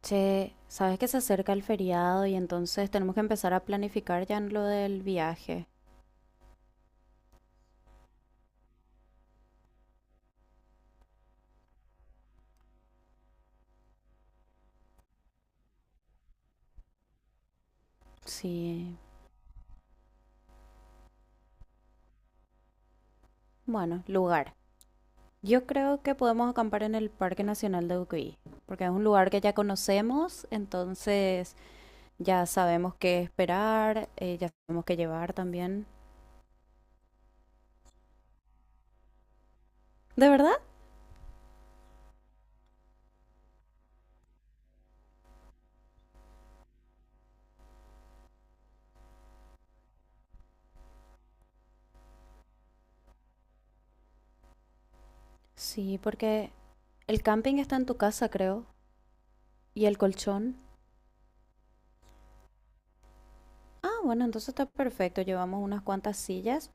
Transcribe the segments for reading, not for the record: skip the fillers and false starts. Che, sabes que se acerca el feriado y entonces tenemos que empezar a planificar ya en lo del viaje. Sí, bueno, lugar. Yo creo que podemos acampar en el Parque Nacional de Ucuy, porque es un lugar que ya conocemos, entonces ya sabemos qué esperar, ya sabemos qué llevar también. ¿De verdad? Sí, porque el camping está en tu casa, creo, y el colchón. Ah, bueno, entonces está perfecto. Llevamos unas cuantas sillas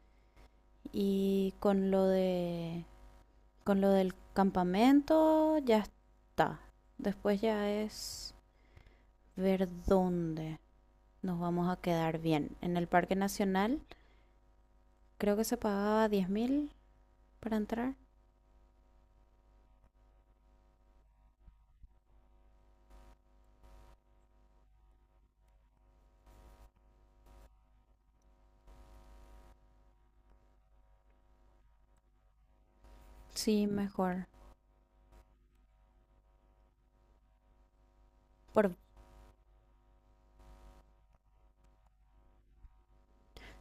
y con lo del campamento ya está. Después ya es ver dónde nos vamos a quedar bien. En el Parque Nacional creo que se pagaba 10.000 para entrar. Sí, mejor. Por...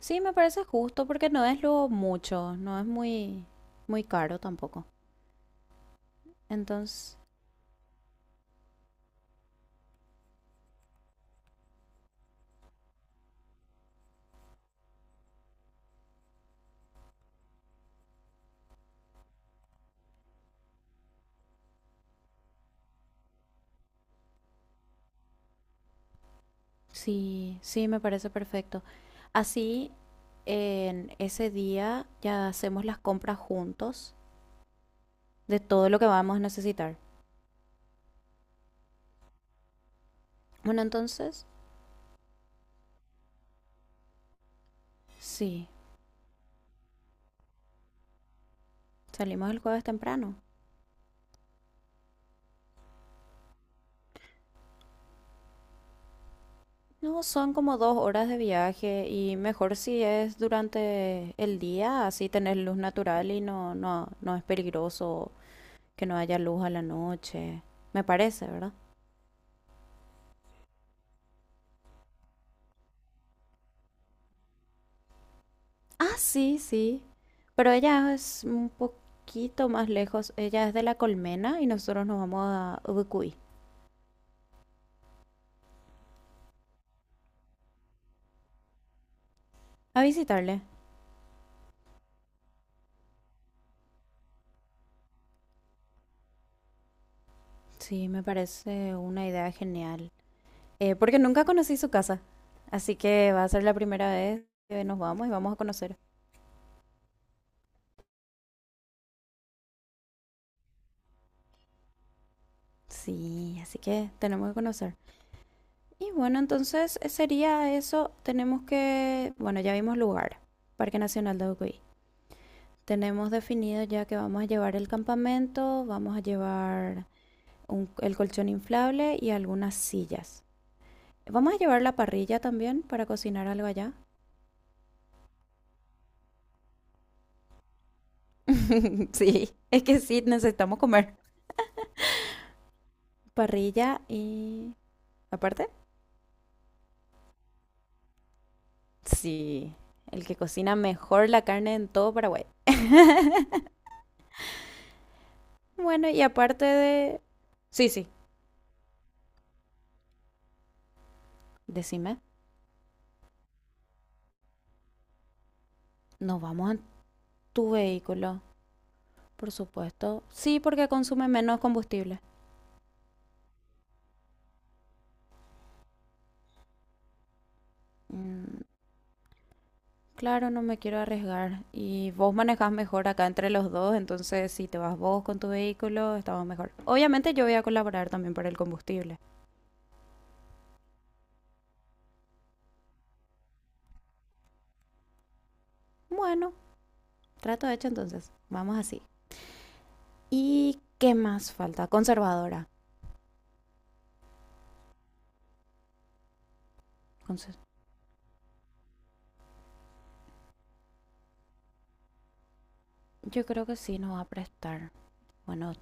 Sí, me parece justo porque no es lo mucho, no es muy, muy caro tampoco. Entonces, sí, sí, me parece perfecto. Así, en ese día ya hacemos las compras juntos de todo lo que vamos a necesitar. Bueno, entonces, sí, salimos el jueves temprano. No, son como dos horas de viaje y mejor si es durante el día, así tenés luz natural y no es peligroso que no haya luz a la noche. Me parece, ¿verdad? Ah, sí, sí. Pero ella es un poquito más lejos. Ella es de La Colmena y nosotros nos vamos a Ubucuy a visitarle. Sí, me parece una idea genial. Porque nunca conocí su casa. Así que va a ser la primera vez que nos vamos y vamos a conocer. Sí, así que tenemos que conocer. Y bueno, entonces sería eso. Tenemos que, bueno, ya vimos lugar, Parque Nacional de Ucuy. Tenemos definido ya que vamos a llevar el campamento, vamos a llevar el colchón inflable y algunas sillas. Vamos a llevar la parrilla también para cocinar algo allá. Sí, es que sí, necesitamos comer. Parrilla y... Aparte. Sí, el que cocina mejor la carne en todo Paraguay. Bueno, y aparte de... Sí, sí, decime, nos vamos en tu vehículo, por supuesto. Sí, porque consume menos combustible. Mm, claro, no me quiero arriesgar. Y vos manejás mejor acá entre los dos, entonces si te vas vos con tu vehículo, estamos mejor. Obviamente yo voy a colaborar también para el combustible. Bueno, trato hecho entonces. Vamos así. ¿Y qué más falta? Conservadora. Conse- yo creo que sí nos va a prestar. Bueno,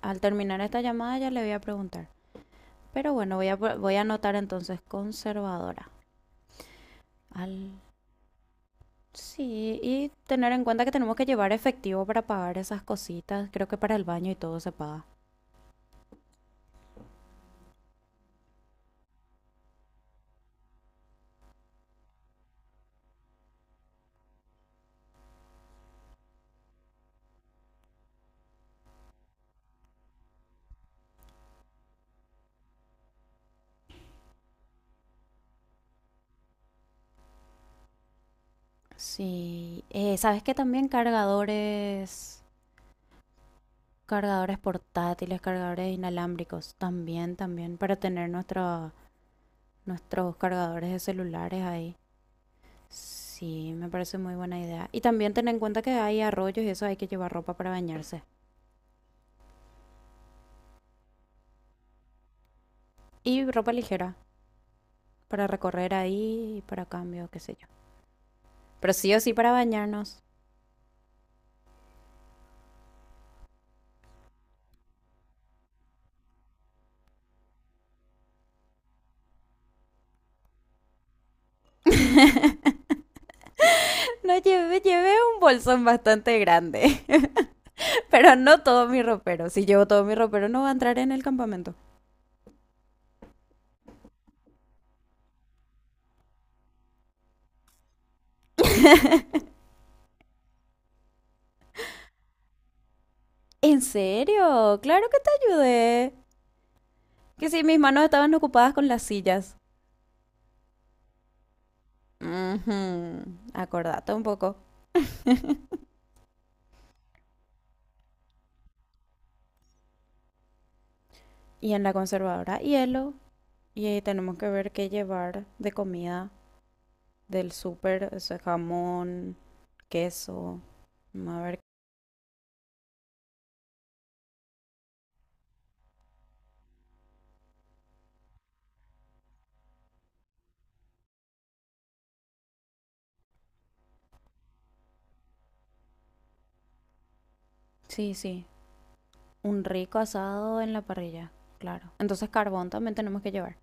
al terminar esta llamada ya le voy a preguntar. Pero bueno, voy a anotar entonces conservadora. Al... Sí, y tener en cuenta que tenemos que llevar efectivo para pagar esas cositas. Creo que para el baño y todo se paga. Sí, ¿sabes qué? También cargadores, cargadores portátiles, cargadores inalámbricos. Para tener nuestros cargadores de celulares ahí. Sí, me parece muy buena idea. Y también ten en cuenta que hay arroyos y eso hay que llevar ropa para bañarse. Y ropa ligera para recorrer ahí, para cambio, qué sé yo. Pero sí o sí para bañarnos. No llevé, llevé un bolsón bastante grande, pero no todo mi ropero. Si llevo todo mi ropero no va a entrar en el campamento. ¿En serio? Claro que te ayudé. Que sí, mis manos estaban ocupadas con las sillas. Ujú, acordate un poco. Y en la conservadora, hielo. Y ahí tenemos que ver qué llevar de comida del súper, o sea, jamón, queso. A ver. Sí, sí. Un rico asado en la parrilla, claro. Entonces carbón también tenemos que llevar.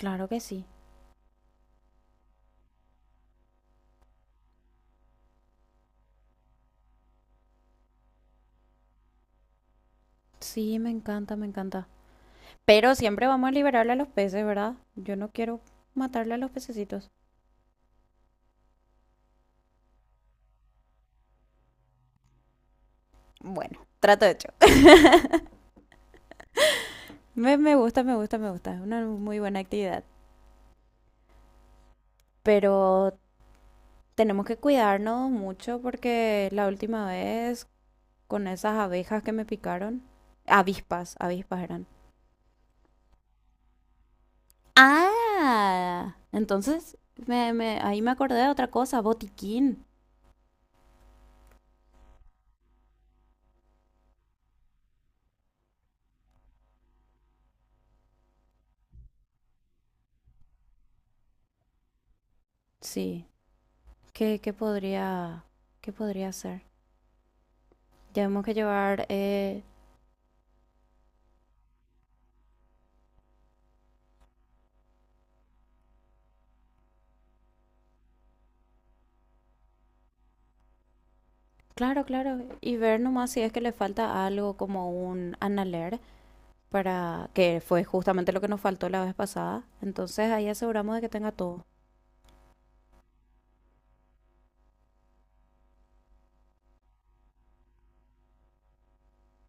Claro que sí. Sí, me encanta, me encanta. Pero siempre vamos a liberarle a los peces, ¿verdad? Yo no quiero matarle a los pececitos. Bueno, trato hecho. Me gusta, me gusta, me gusta. Es una muy buena actividad. Pero tenemos que cuidarnos mucho porque la última vez con esas abejas que me picaron, avispas, avispas eran. Ah, entonces ahí me acordé de otra cosa, botiquín. Sí, ¿qué, qué podría, ¿qué podría ser? Tenemos que llevar, claro, claro, y ver nomás si es que le falta algo como un analer para que fue justamente lo que nos faltó la vez pasada. Entonces ahí aseguramos de que tenga todo.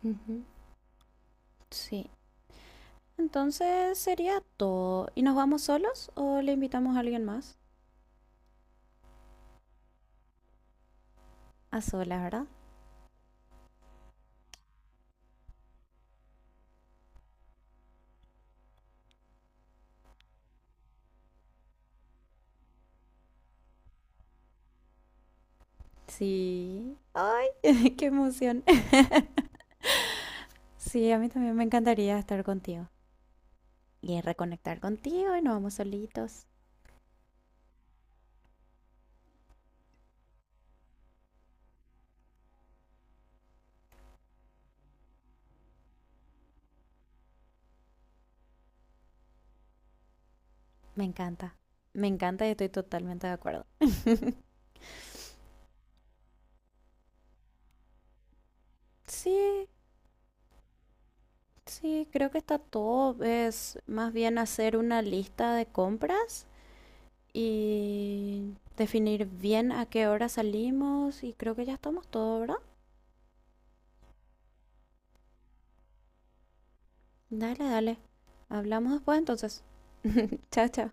Ujú. Sí, entonces sería todo. ¿Y nos vamos solos o le invitamos a alguien más? A solas, ¿verdad? Sí. Ay, qué emoción. Sí, a mí también me encantaría estar contigo y reconectar contigo y nos vamos solitos. Me encanta. Me encanta y estoy totalmente de acuerdo. Sí, sí, creo que está todo. Es más bien hacer una lista de compras y definir bien a qué hora salimos y creo que ya estamos todo, ¿verdad? Dale, dale. Hablamos después entonces. Chao, chao.